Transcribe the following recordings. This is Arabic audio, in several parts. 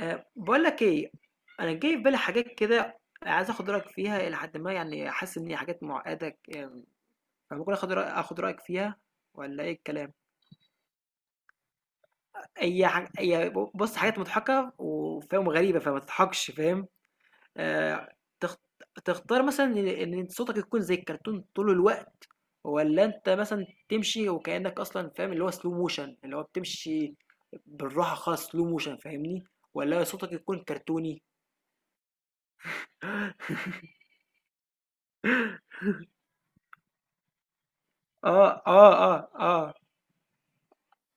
باقول لك إيه، أنا جاي في بالي حاجات كده عايز آخُد رأيك فيها إلى حدٍ ما، يعني حاسس إن هي حاجات مُعقّدة، فممكن آخُد رأيك فيها والّا إيه الكلام؟ هي ح هي ب بُص، حاجات مضحكة وفاهم وغريبة، فما تضحكش فاهم؟ آآ تخت تختار مثلًا إن صوتك يكون زي الكرتون طول الوقت، والّا أنت مثلًا تمشي وكإنّك أصلًا، فاهم اللي هو slow motion، اللي هو بتمشي بالراحة خالص slow motion فاهمني؟ والّا صوتك يكون كرتوني؟ آه، آه، آه، آه.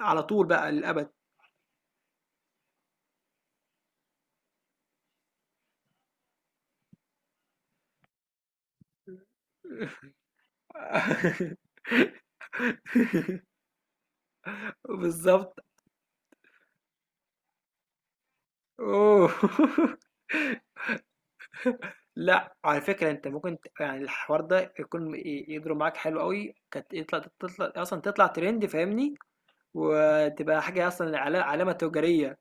على طول بقى للأبد. بالضبط. أوه. لأ، على فكرة أنت ممكن يعني الحوار ده يكون يضرب معاك حلو أوي، كانت تطلع أصلًا تطلع ترند فاهمني، وتبقى حاجة أصلًا علامة تجارية،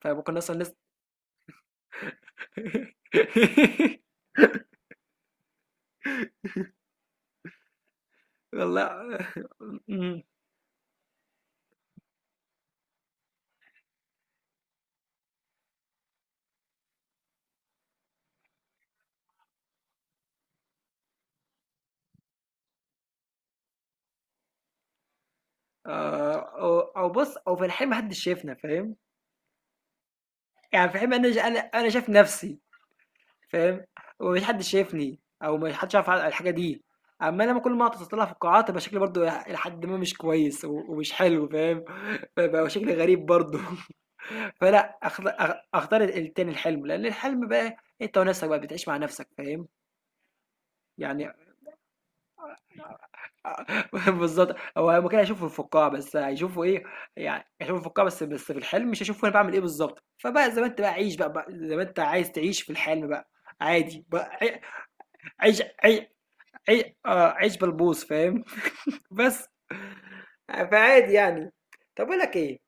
فممكن أصلًا الناس. والله. إمم، أو بُص، أو في الحقيقة ما حدش شافنا فاهم، يعني في الحقيقة أنا شايف نفسي. فاهم، ومفيش حد شايفني او ما حدش عارف على الحاجه دي، اما لما كل ما اطلع في القاعات يبقى شكلي برضو الى حد ما مش كويس ومش حلو فاهم. فبقى شكلي غريب برضو. فلا اختار التاني الحلم، لان الحلم بقى انت ونفسك بقى بتعيش مع نفسك فاهم يعني. بالظبط. هو ممكن اشوفه في القاع بس هيشوفه ايه؟ يعني اشوفه في القاع، بس في الحلم مش هشوفه انا بعمل ايه بالظبط. فبقى زي ما انت بقى عيش بقى، زي ما انت عايز تعيش في الحلم بقى. عادي بقى عيش عيش. عي... آه عيش بلبوص فاهم. بس، فعادي يعني. طب اقول لك ايه.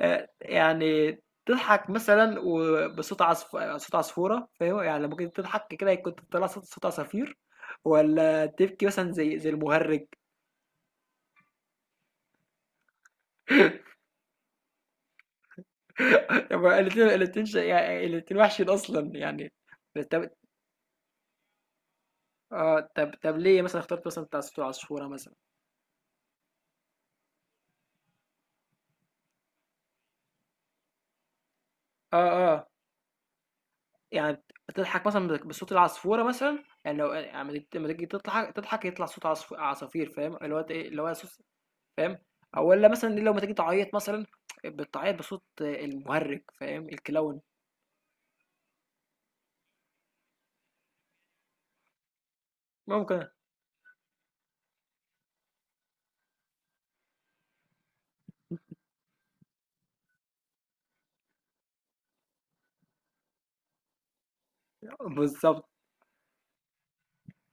آه يعني، تضحك مثلا صوت عصفورة فاهم، يعني لما كنت تضحك كده كنت طلع صوت عصافير، ولا تبكي مثلا زي المهرج. يعني الاتنين وحشين اصلا يعني. طب، اه طب ليه مثلا اخترت مثلا بتاع صوت العصفورة مثلا؟ اه يعني بتضحك مثلًا بصوت العصفورة مثلًا، يعني لو أما تيجي لمّا تيجي تضحك تضحك يطلع صوت عصافير فاهم، اللي هو إيه، اللي هو صوص فاهم، أو والّا مثلًا لو ما تيجي تعيّط مثلًا بتعيّط بصوت المُهرِّج فاهم، الكلاون. ممكن. بالضبط.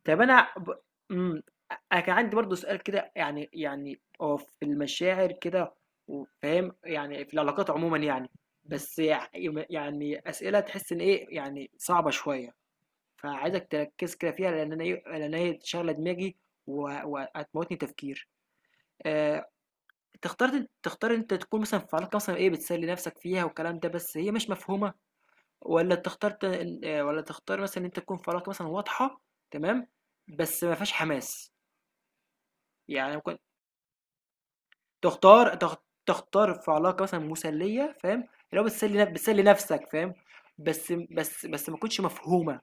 طب أنا ب إمم، أنا كان عندي برضه سؤال كده، يعني هو في المشاعر كده وفاهم، يعني في العلاقات عمومًا يعني، بس يع يم يعني أسئلة تحس إن إيه، يعني صعبة شوية. فعايزك تركز كده فيها، لأن أنا إيه، لأن هي شاغلة دماغي وهتموتني تفكير. آآ تختار أنت تكون مثلًا في علاقة مثلًا إيه بتسلي نفسك فيها والكلام ده، بس هي مش مفهومة، والّا تختار ت والّا تختار مثلًا إن أنت تكون في علاقة مثلًا واضحة تمام، بس ما فيهاش حماس، يعني ممكن تختار تخ تختار في علاقة مثلًا مسلية فاهم، اللي هو بتسلي نفسك فاهم، بس ما تكونش مفهومة.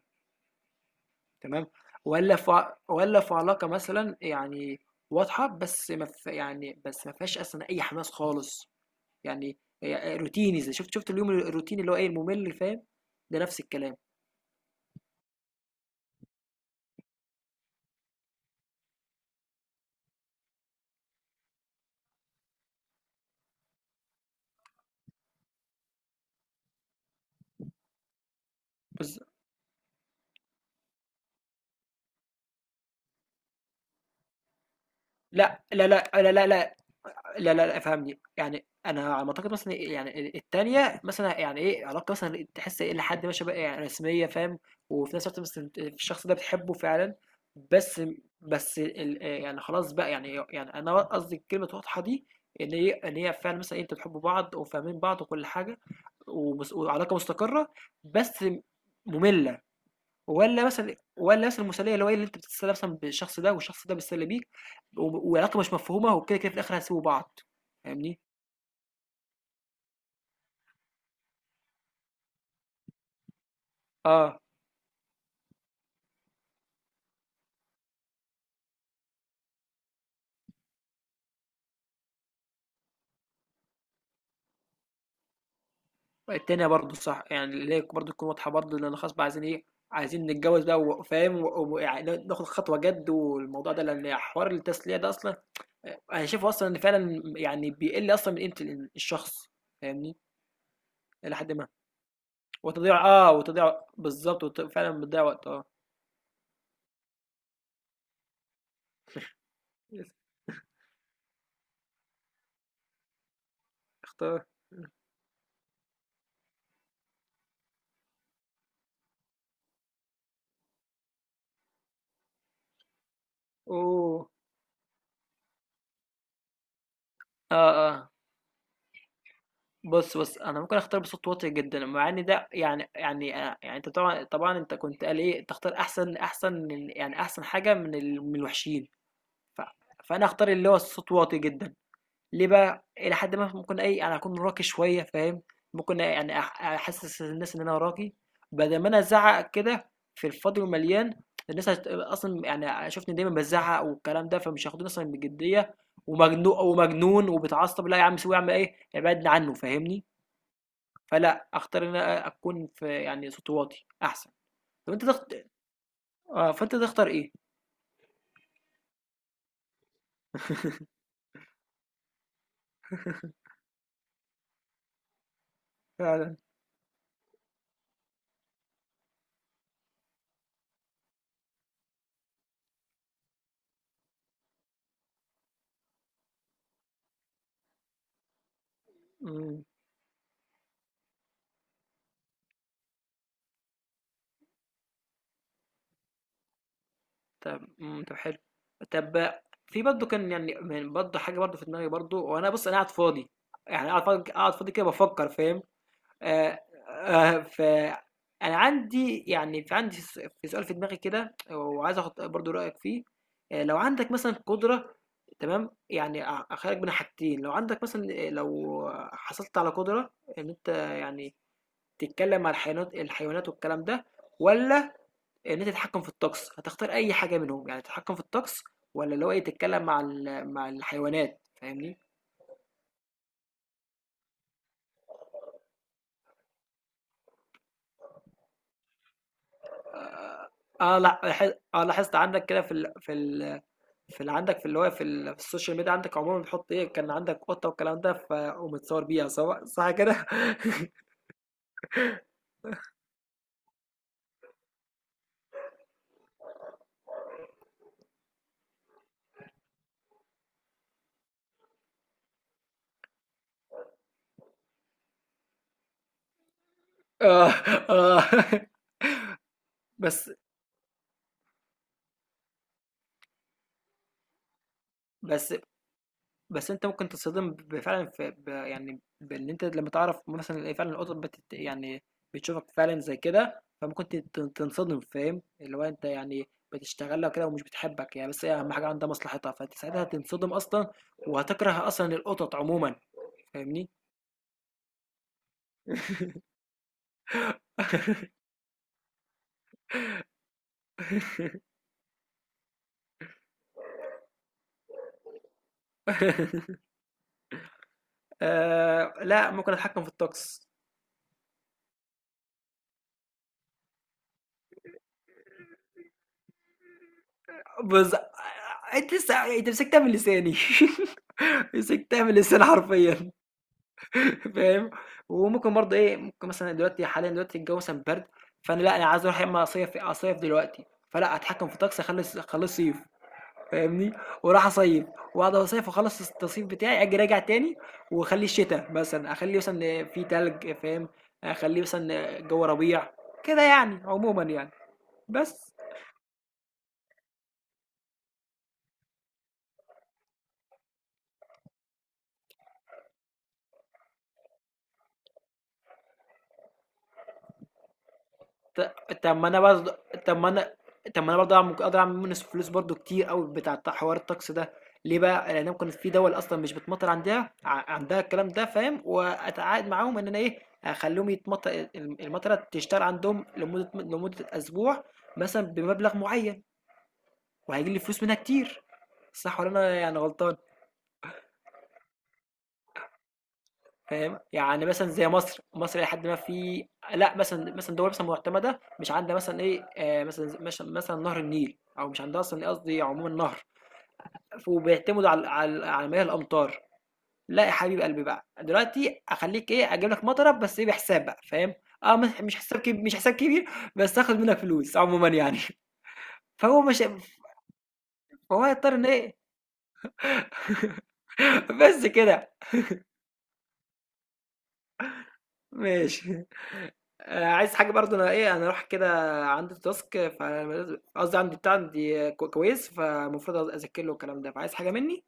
تمام. ولا في علاقه مثلا يعني واضحه، بس ما في يعني بس ما فيهاش اصلا اي حماس خالص يعني. هي روتيني زي شفت اليوم الروتيني اللي هو ايه الممل فاهم. ده نفس الكلام. بز... لا لا لا لا لا لا، لا لا لا، فهمني. يعني انا على ما اعتقد مثلا إيه، يعني التانية مثلا يعني ايه، علاقة مثلا تحس ايه لحد ما شبه إيه، يعني رسمية فاهم، وفي نفس الوقت مثلا الشخص ده بتحبه فعلا، بس يعني خلاص بقى، يعني انا قصدي الكلمة واضحة دي، ان هي فعلا مثلا انتوا بتحبوا بعض وفاهمين بعض وكل حاجة، وعلاقة مستقرة بس مملة. ولا مثلا المثاليه، اللي هو ايه، اللي انت بتتسلى مثلا بالشخص ده والشخص ده بيتسلى بيك وعلاقه مش مفهومه، وكده كده في الاخر هتسيبوا بعض فاهمني. اه التانية برضه صح، يعني اللي هي برضه تكون واضحه برضه، لان خلاص بقى عايزين ايه، عايزين نتجوز بقى فاهم يعني ناخد خطوه جد والموضوع ده، لان حوار التسليه ده اصلا انا شايفه اصلا ان فعلا يعني بيقل اصلا من قيمه الشخص فاهمني. الى حد ما. وتضيع بالظبط فعلا بتضيع وقت اه. اختار. اوه. اه اه، بُص، بُص، أنا ممكن أختار بصوت واطي جدًا، مع إن ده يعني، يعني أنت طبعًا أنت كنت قال إيه، تختار أحسن من يعني أحسن حاجة من الوحشين، ف فأنا هاختار اللي هو الصوت واطي جدًا. ليه بقى؟ إلى حدٍ ما ممكن إيه، أنا هاكون راقي شوية فاهم، ممكن يعني أحسس الناس إن أنا راقي، بدل ما أنا أزعّق كده في الفاضي والمليان، الناس أصلًا يعني هيشوفني دايمًا بازعّق والكلام ده، فمش هياخدوني أصلًا بجدية، ومجنون وبيتعصب، لا يا عم سيبه يا عم إيه، ابعدنا عنه فاهمني؟ فلا اختار ان انا اكون في يعني صوتي واطي احسن. طب انت تخت... اه، فانت تختار ايه؟ فعلا. امم. طب. طب حلو. طب في برضه كان يعني برضه حاجه برضه في دماغي برضه، وانا بص انا قاعد فاضي، يعني قاعد فاضي قاعد فاضي كده بفكر فاهم. آآ ف أنا عندي يعني في عندي س في سؤال في دماغي كده، وعايز آخُد برضه رأيك فيه. لو عندك مثلًا قدرة تمام، يعني أخيّرك بين حاجتين، لو عندك مثلًا لو حصلت على قدرة إن أنت يعني تتكلّم مع الحيوانات والكلام ده، والّا إن أنت تتحكّم في الطقس، هتختار أي حاجة منهم؟ يعني تتحكّم في الطقس والّا اللي هو إيه تتكلّم مع الحيوانات فاهمني؟ آه لأ لاح آه لاحظت عندك كده في اللي عندك في اللي هو في في السوشيال ميديا، عندك عمومًا بتحُط إيه، كان عندك قطة والكلام ده، فقوم متصوّر بيها صح كده؟ آه، آه. بس بس بس أنت ممكن تتصدم ب فعلًا في ب يعني بإن أنت لمّا تعرف مثلًا إن فعلًا القطط يعني بتشوفك فعلًا زي كده، فممكن ت ت تنصدم فاهم، اللي هو أنت يعني بتشتغل لها وكده ومش بتحبك يعني، بس هي أهم حاجة عندها مصلحتها، فأنت ساعتها هتنصدم أصلًا وهتكره أصلًا القطط عمومًا، فاهمني؟ آه لا، ممكن اتحكم في الطقس. بز... انت لسه مسكتها من لساني. مسكتها من لساني حرفيا. فاهم. وممكن برضه ايه، ممكن مثلا دلوقتي حاليا دلوقتي الجو مثلا برد، فانا لا انا عايز اروح يا اما اصيف اصيف دلوقتي، فلا اتحكم في الطقس اخلي اخليه صيف فاهمني، وراح اصيف، واقعد اصيف واخلص التصيف بتاعي اجي راجع تاني، واخليه شتاء مثلا، اخليه مثلا في تلج فاهم، اخليه مثلا جو ربيع كده يعني عموما يعني. بس. طب ما انا برضه، طب ما انا طب ما انا برضه ممكن اقدر اعمل منه فلوس برضه كتير قوي بتاع حوار الطقس ده. ليه بقى؟ لان ممكن في دول اصلا مش بتمطر عندها عندها الكلام ده فاهم، واتعاقد معاهم ان انا ايه اخليهم يتمطر، المطره تشتغل عندهم لمده اسبوع مثلا بمبلغ معين، وهيجي لي فلوس منها كتير. صح ولا انا يعني غلطان؟ فاهم؟ يعني مثلًا زي مصر، إلى حدٍ ما في، لأ مثلًا دول مثلًا معتمدة مش عندها مثلًا إيه، مثلًا مش مثلًا نهر النيل، أو مش عندها أصلًا قصدي عمومًا نهر، وبيعتمدوا على مياه الأمطار، لأ يا حبيب قلبي بقى، دلوقتي أخلّيك إيه، أجيب لك مطرة بس إيه بحساب بقى فاهم؟ آه، مح مش حساب كب مش حساب كبير، بس هاخد منك فلوس عمومًا يعني. فهو مش، فهو هيضطر إن إيه. بس كده. ماشي. آه، عايز حاجة برضه، انا ايه انا اروح كده، عندي تاسك قصدي عندي بتاع عندي كويس، فالمفروض اذاكر له الكلام ده، فعايز حاجة مني.